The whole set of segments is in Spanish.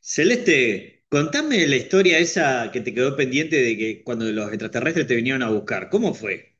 Celeste, contame la historia esa que te quedó pendiente de que cuando los extraterrestres te vinieron a buscar. ¿Cómo fue?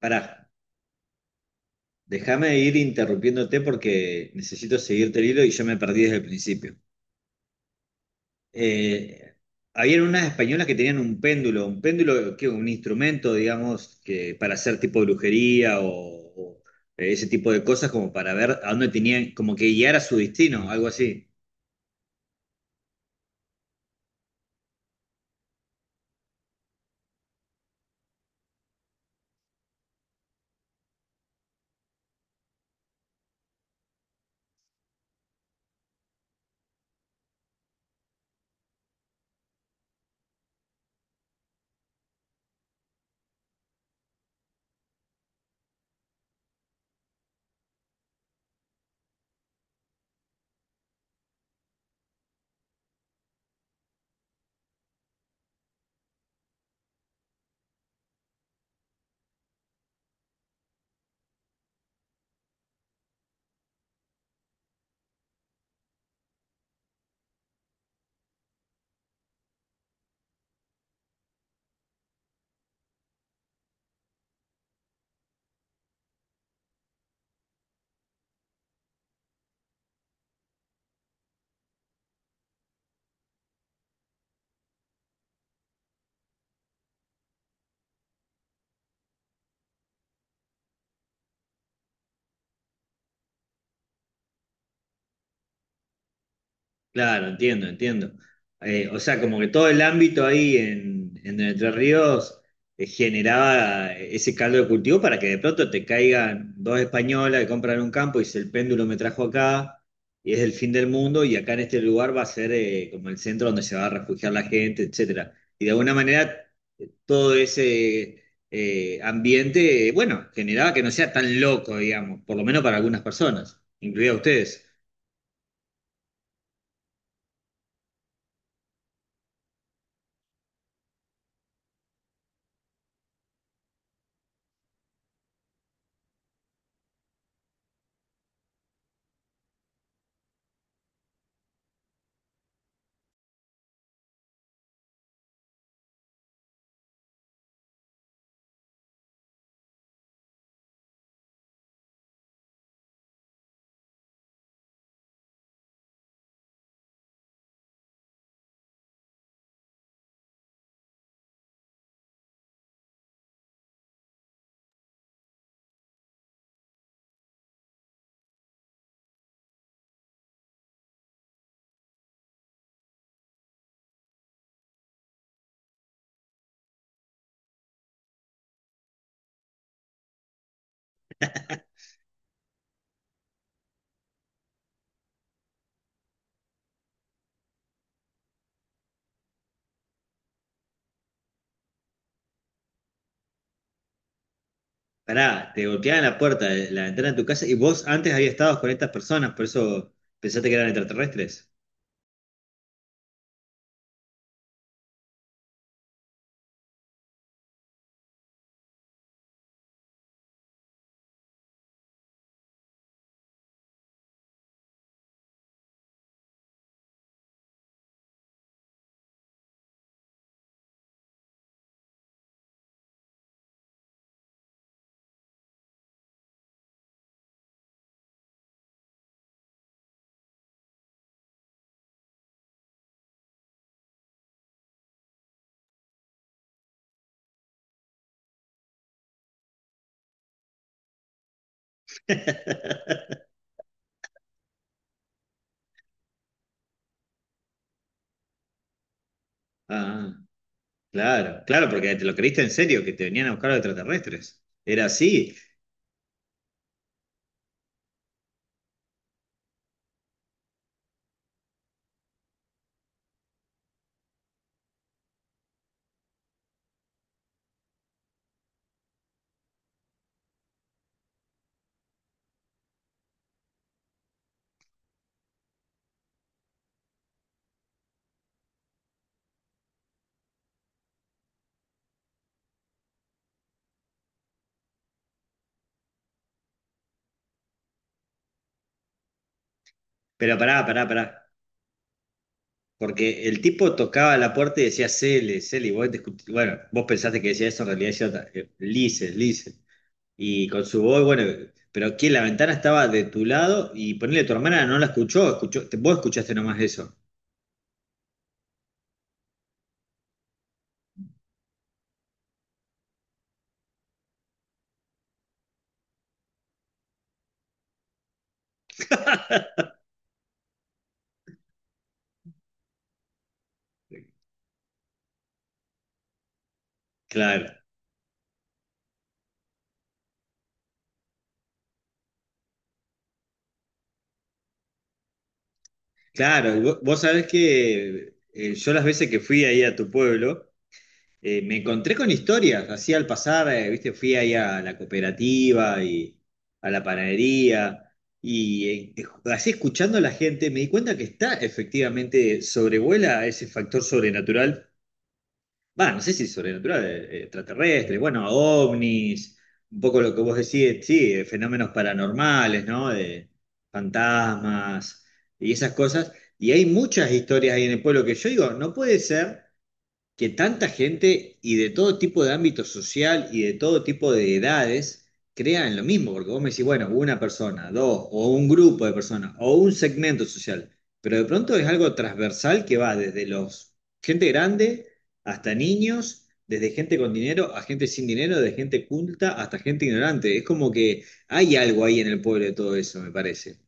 Pará, déjame ir interrumpiéndote porque necesito seguirte el hilo y yo me perdí desde el principio. Eh, Habían unas españolas que tenían un péndulo, ¿qué? Un instrumento, digamos, que para hacer tipo brujería o ese tipo de cosas, como para ver a dónde tenían, como que guiar a su destino, algo así. Claro, entiendo, entiendo. O sea, como que todo el ámbito ahí en Entre Ríos generaba ese caldo de cultivo para que de pronto te caigan dos españolas que compran un campo y dice, el péndulo me trajo acá y es el fin del mundo y acá en este lugar va a ser como el centro donde se va a refugiar la gente, etcétera. Y de alguna manera todo ese ambiente, bueno, generaba que no sea tan loco, digamos, por lo menos para algunas personas, incluida ustedes. Pará, te golpeaban la puerta, la ventana de tu casa y vos antes habías estado con estas personas, por eso pensaste que eran extraterrestres. Ah, claro, claro, porque te lo creíste en serio, que te venían a buscar los extraterrestres. Era así. Pero pará, pará, pará. Porque el tipo tocaba la puerta y decía Cele, Cele, y vos bueno, vos pensaste que decía eso, en realidad decía otra. Lice, Lice. Y con su voz, bueno, pero que la ventana estaba de tu lado y ponele tu hermana no la escuchó, escuchó, vos escuchaste nomás eso. Claro. Claro, y vos, sabés que yo las veces que fui ahí a tu pueblo, me encontré con historias, así al pasar, viste, fui ahí a la cooperativa y a la panadería, y así escuchando a la gente, me di cuenta que está efectivamente, sobrevuela ese factor sobrenatural. Va, no sé si sobrenatural, extraterrestre, bueno, ovnis, un poco lo que vos decís, sí, fenómenos paranormales, ¿no? De fantasmas y esas cosas. Y hay muchas historias ahí en el pueblo que yo digo, no puede ser que tanta gente y de todo tipo de ámbito social y de todo tipo de edades crean lo mismo, porque vos me decís, bueno, una persona, dos, o un grupo de personas, o un segmento social, pero de pronto es algo transversal que va desde los gente grande hasta niños, desde gente con dinero a gente sin dinero, de gente culta hasta gente ignorante. Es como que hay algo ahí en el pueblo de todo eso, me parece.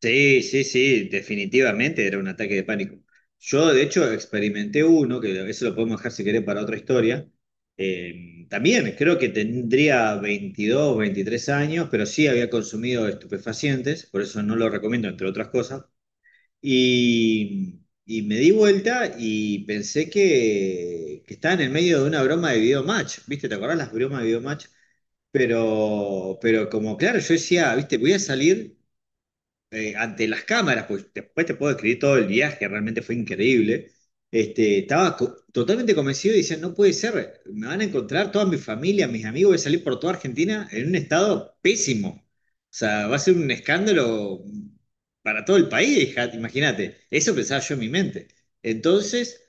Sí, sí, sí, definitivamente era un ataque de pánico. Yo, de hecho, experimenté uno, que eso lo podemos dejar si querés para otra historia. También creo que tendría 22, 23 años, pero sí había consumido estupefacientes, por eso no lo recomiendo, entre otras cosas. Y, y me di vuelta y pensé que estaba en el medio de una broma de videomatch, ¿viste? ¿Te acordás las bromas de videomatch? Pero como claro, yo decía, ¿viste? Voy a salir ante las cámaras, pues después te puedo escribir todo el viaje, realmente fue increíble. Este, estaba totalmente convencido y decía, no puede ser, me van a encontrar toda mi familia, mis amigos, voy a salir por toda Argentina en un estado pésimo. O sea, va a ser un escándalo para todo el país, hija, imagínate. Eso pensaba yo en mi mente. Entonces,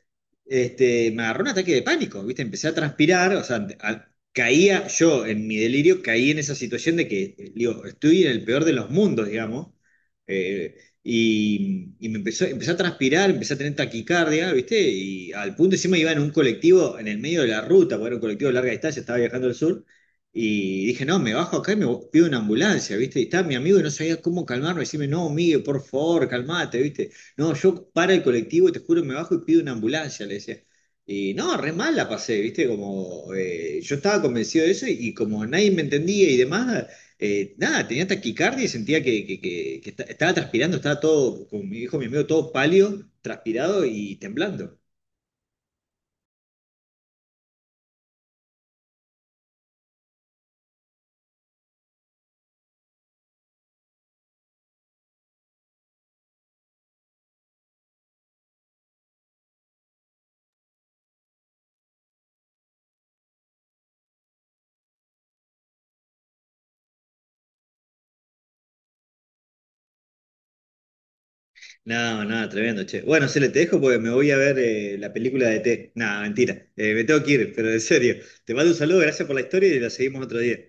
este, me agarró un ataque de pánico, ¿viste? Empecé a transpirar, o sea, caía yo en mi delirio, caí en esa situación de que, digo, estoy en el peor de los mundos, digamos. Eh, y me empezó, empecé a transpirar, empecé a tener taquicardia, ¿viste? Y al punto encima iba en un colectivo en el medio de la ruta, porque era un colectivo de larga distancia, estaba viajando al sur. Y dije, no, me bajo acá y pido una ambulancia, ¿viste? Y estaba mi amigo y no sabía cómo calmarme. Decime, no, Miguel, por favor, calmate, ¿viste? No, yo para el colectivo, te juro, me bajo y pido una ambulancia, le decía. Y no, re mal la pasé, ¿viste? Como yo estaba convencido de eso y como nadie me entendía y demás, nada, tenía taquicardia y sentía que estaba transpirando, estaba todo, como me dijo mi amigo, todo pálido, transpirado y temblando. No, no, tremendo, che. Bueno, se le te dejo porque me voy a ver la película de E T. No, mentira, me tengo que ir, pero en serio. Te mando un saludo, gracias por la historia y la seguimos otro día.